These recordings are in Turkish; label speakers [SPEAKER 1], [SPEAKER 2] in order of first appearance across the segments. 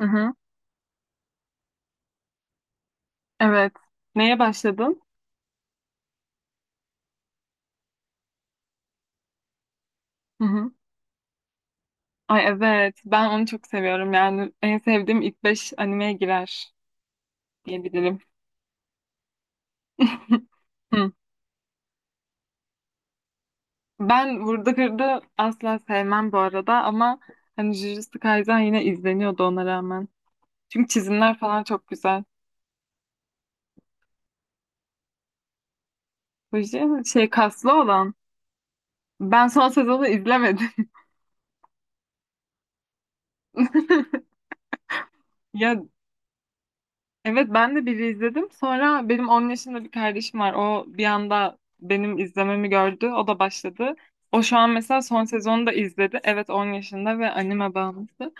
[SPEAKER 1] Hı hı. Evet. Neye başladın? Hı hı. Ay evet. Ben onu çok seviyorum. Yani en sevdiğim ilk 5 animeye girer diyebilirim. Hı. Ben Vurdu Kırdı asla sevmem bu arada ama hani Jujutsu Kaisen yine izleniyordu ona rağmen. Çünkü çizimler falan çok güzel. Fuji şey, kaslı olan. Ben son sezonu izlemedim. Ya, evet, ben de biri izledim. Sonra benim 10 yaşında bir kardeşim var. O bir anda benim izlememi gördü. O da başladı. O şu an mesela son sezonu da izledi. Evet, 10 yaşında ve anime bağımlısı.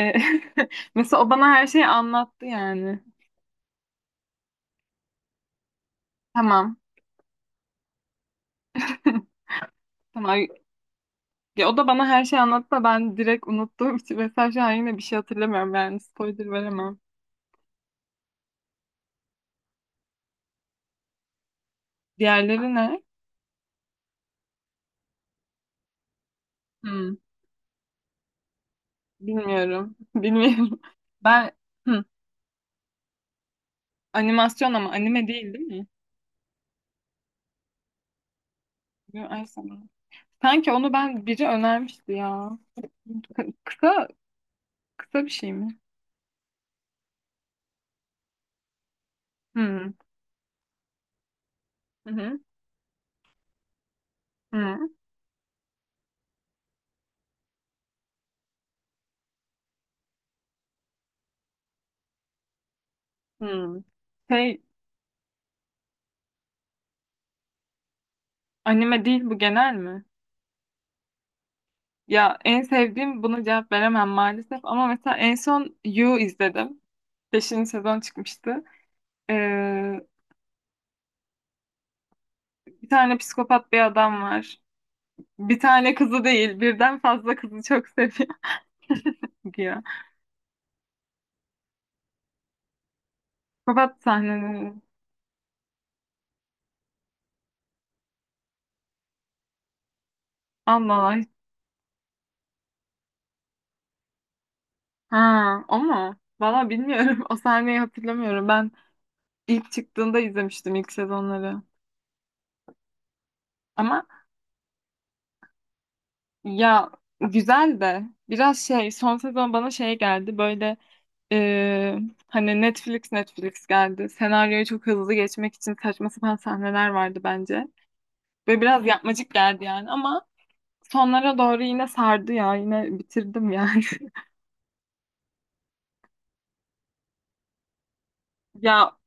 [SPEAKER 1] E, Mesela o bana her şeyi anlattı yani. Tamam. Tamam. Ya o da bana her şeyi anlattı da ben direkt unuttuğum için mesela şu an yine bir şey hatırlamıyorum. Yani spoiler veremem. Diğerleri ne? Hmm, bilmiyorum. Bilmiyorum. Ben hmm, animasyon ama anime değil, değil mi? Yo, ay sana. Sanki onu ben biri önermişti ya. Kısa kısa bir şey mi? Hmm. Hı hı. Hı. Hı. Şey, anime değil bu, genel mi? Ya, en sevdiğim buna cevap veremem maalesef ama mesela en son You izledim. Beşinci sezon çıkmıştı. Ee, bir tane psikopat bir adam var. Bir tane kızı değil, birden fazla kızı çok seviyor, diyor. Psikopat sahneleri. Allah Allah. Ha, o mu? Valla bilmiyorum. O sahneyi hatırlamıyorum. Ben İlk çıktığında izlemiştim ilk sezonları. Ama ya, güzel de biraz şey son sezon bana şey geldi böyle, e, hani Netflix geldi. Senaryoyu çok hızlı geçmek için saçma sapan sahneler vardı bence. Ve biraz yapmacık geldi yani, ama sonlara doğru yine sardı ya, yine bitirdim yani. Ya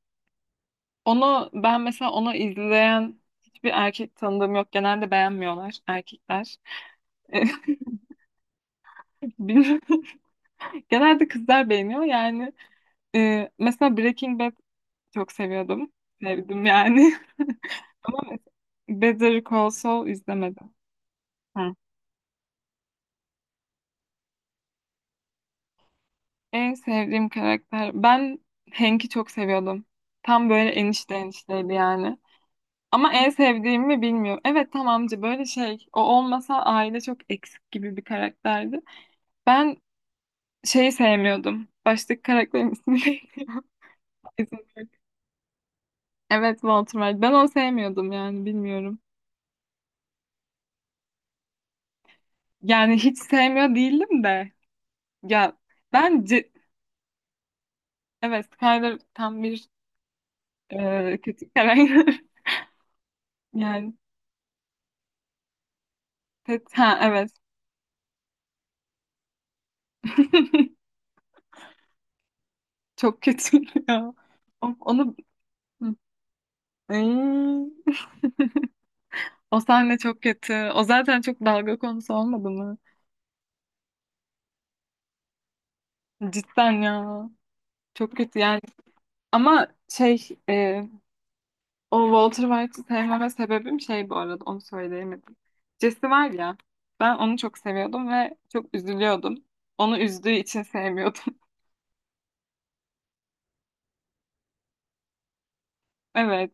[SPEAKER 1] onu ben, mesela onu izleyen hiçbir erkek tanıdığım yok. Genelde beğenmiyorlar erkekler. Bilmiyorum. Genelde kızlar beğeniyor yani. Mesela Breaking Bad çok seviyordum. Sevdim yani. Ama mesela Better Call Saul izlemedim. Ha. En sevdiğim karakter. Ben Hank'i çok seviyordum. Tam böyle enişte enişteydi yani. Ama en sevdiğimi bilmiyorum. Evet, tam amca böyle şey. O olmasa aile çok eksik gibi bir karakterdi. Ben şeyi sevmiyordum. Baştaki karakterin ismi neydi? İzin ver. Evet, Walter White. Ben onu sevmiyordum yani, bilmiyorum. Yani hiç sevmiyor değildim de. Ya bence, evet, Skyler tam bir kötü karakter. Yani pet ha evet. Çok kötü ya. O- Onu Hı. Ay, o sahne çok kötü. O zaten çok dalga konusu olmadı mı? Cidden ya. Çok kötü yani. Ama şey, o Walter White'ı sevmeme sebebim şey, bu arada onu söyleyemedim. Jesse var ya, ben onu çok seviyordum ve çok üzülüyordum. Onu üzdüğü için sevmiyordum. Evet.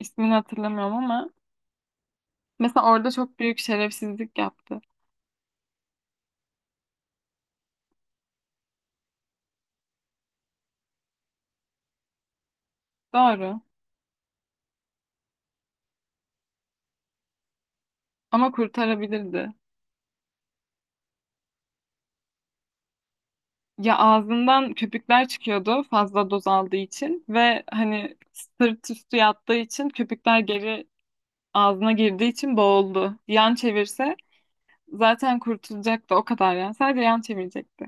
[SPEAKER 1] İsmini hatırlamıyorum ama mesela orada çok büyük şerefsizlik yaptı. Doğru. Ama kurtarabilirdi. Ya, ağzından köpükler çıkıyordu fazla doz aldığı için ve hani sırt üstü yattığı için köpükler geri ağzına girdiği için boğuldu. Yan çevirse zaten kurtulacaktı o kadar yani. Sadece yan çevirecekti.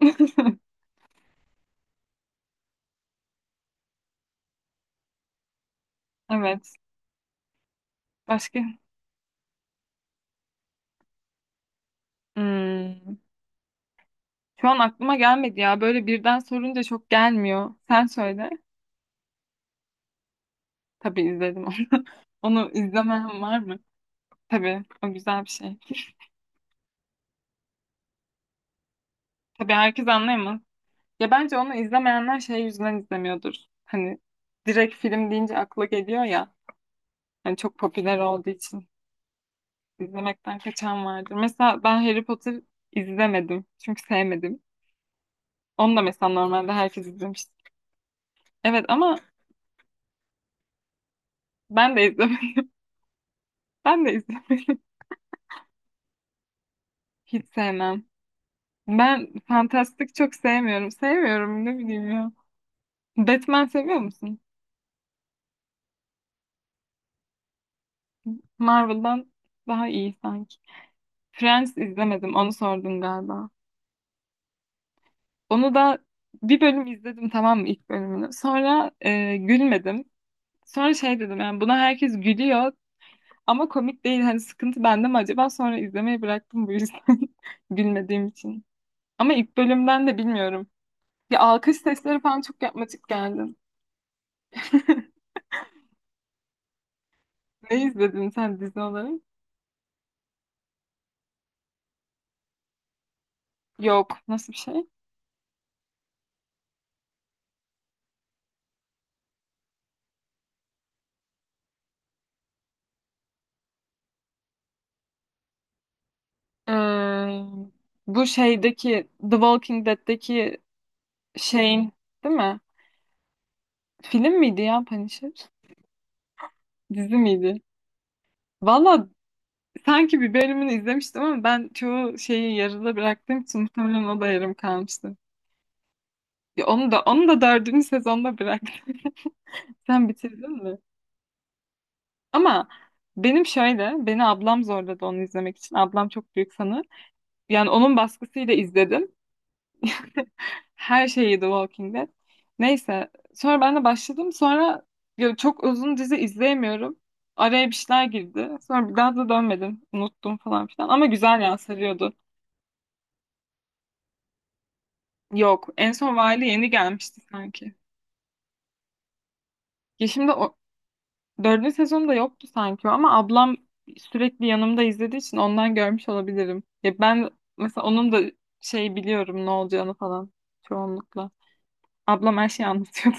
[SPEAKER 1] Evet. Başka? Hmm. Şu an aklıma gelmedi ya. Böyle birden sorunca çok gelmiyor. Sen söyle. Tabii izledim onu. Onu izlemem var mı? Tabii, o güzel bir şey. Tabii herkes anlayamaz. Ya, bence onu izlemeyenler şey yüzünden izlemiyordur. Hani direkt film deyince akla geliyor ya. Hani çok popüler olduğu için izlemekten kaçan vardır. Mesela ben Harry Potter izlemedim. Çünkü sevmedim. Onu da mesela normalde herkes izlemiş. Evet ama ben de izlemedim. Ben de izlemedim. Hiç sevmem. Ben fantastik çok sevmiyorum. Sevmiyorum, ne bileyim ya. Batman seviyor musun? Marvel'dan daha iyi sanki. Friends izlemedim. Onu sordun galiba. Onu da bir bölüm izledim, tamam mı, ilk bölümünü. Sonra gülmedim. Sonra şey dedim yani, buna herkes gülüyor ama komik değil. Hani sıkıntı bende mi acaba? Sonra izlemeyi bıraktım bu yüzden. Gülmediğim için. Ama ilk bölümden de bilmiyorum. Ya alkış sesleri falan çok yapmacık geldi. Ne izledin sen dizi olarak? Yok. Nasıl bir şey? Ee, bu şeydeki The Walking Dead'deki şeyin değil mi? Film miydi ya Punisher? Dizi miydi? Valla sanki bir bölümünü izlemiştim ama ben çoğu şeyi yarıda bıraktığım için muhtemelen o da yarım kalmıştı. Ya onu da dördüncü sezonda bıraktım. Sen bitirdin mi? Ama benim şöyle, beni ablam zorladı onu izlemek için. Ablam çok büyük fanı. Yani onun baskısıyla izledim. Her şeyi The Walking Dead. Neyse. Sonra ben de başladım. Sonra ya çok uzun dizi izleyemiyorum. Araya bir şeyler girdi. Sonra bir daha da dönmedim. Unuttum falan filan. Ama güzel ya, sarıyordu. Yok. En son Vali yeni gelmişti sanki. Ya şimdi o dördüncü sezonda yoktu sanki o, ama ablam sürekli yanımda izlediği için ondan görmüş olabilirim. Ya ben mesela onun da şey biliyorum, ne olacağını falan çoğunlukla. Ablam her şeyi anlatıyordu.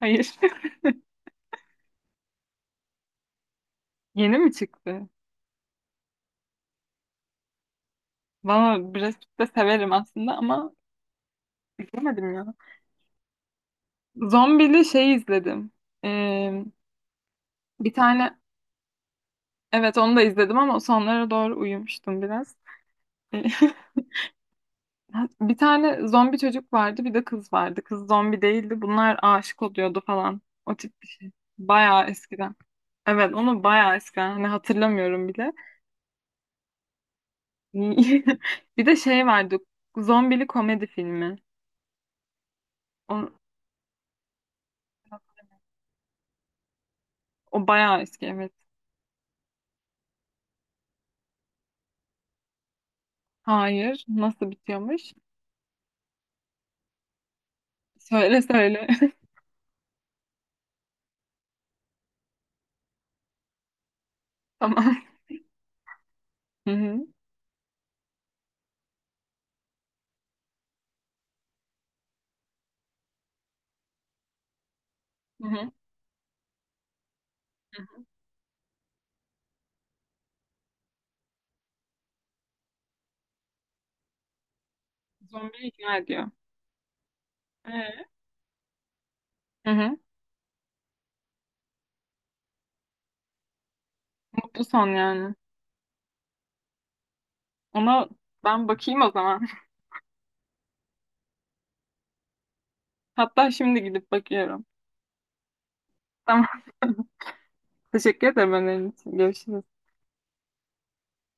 [SPEAKER 1] Hayır. Yeni mi çıktı? Valla Brad Pitt de severim aslında ama izlemedim ya. Zombili şey izledim. Ee, bir tane, evet, onu da izledim ama sonlara doğru uyumuştum biraz. Ee, Bir tane zombi çocuk vardı, bir de kız vardı. Kız zombi değildi. Bunlar aşık oluyordu falan. O tip bir şey. Bayağı eskiden. Evet, onu bayağı eskiden. Hani hatırlamıyorum bile. Bir de şey vardı. Zombili komedi filmi. O, o bayağı eski, evet. Hayır. Nasıl bitiyormuş? Söyle söyle. Tamam. Hı hı. Hı hı. Hı hı. Zombiyi ikna ediyor. Ee? Hı hı. Mutlu son yani. Ona ben bakayım o zaman. Hatta şimdi gidip bakıyorum. Tamam. Teşekkür ederim önerin için. Görüşürüz.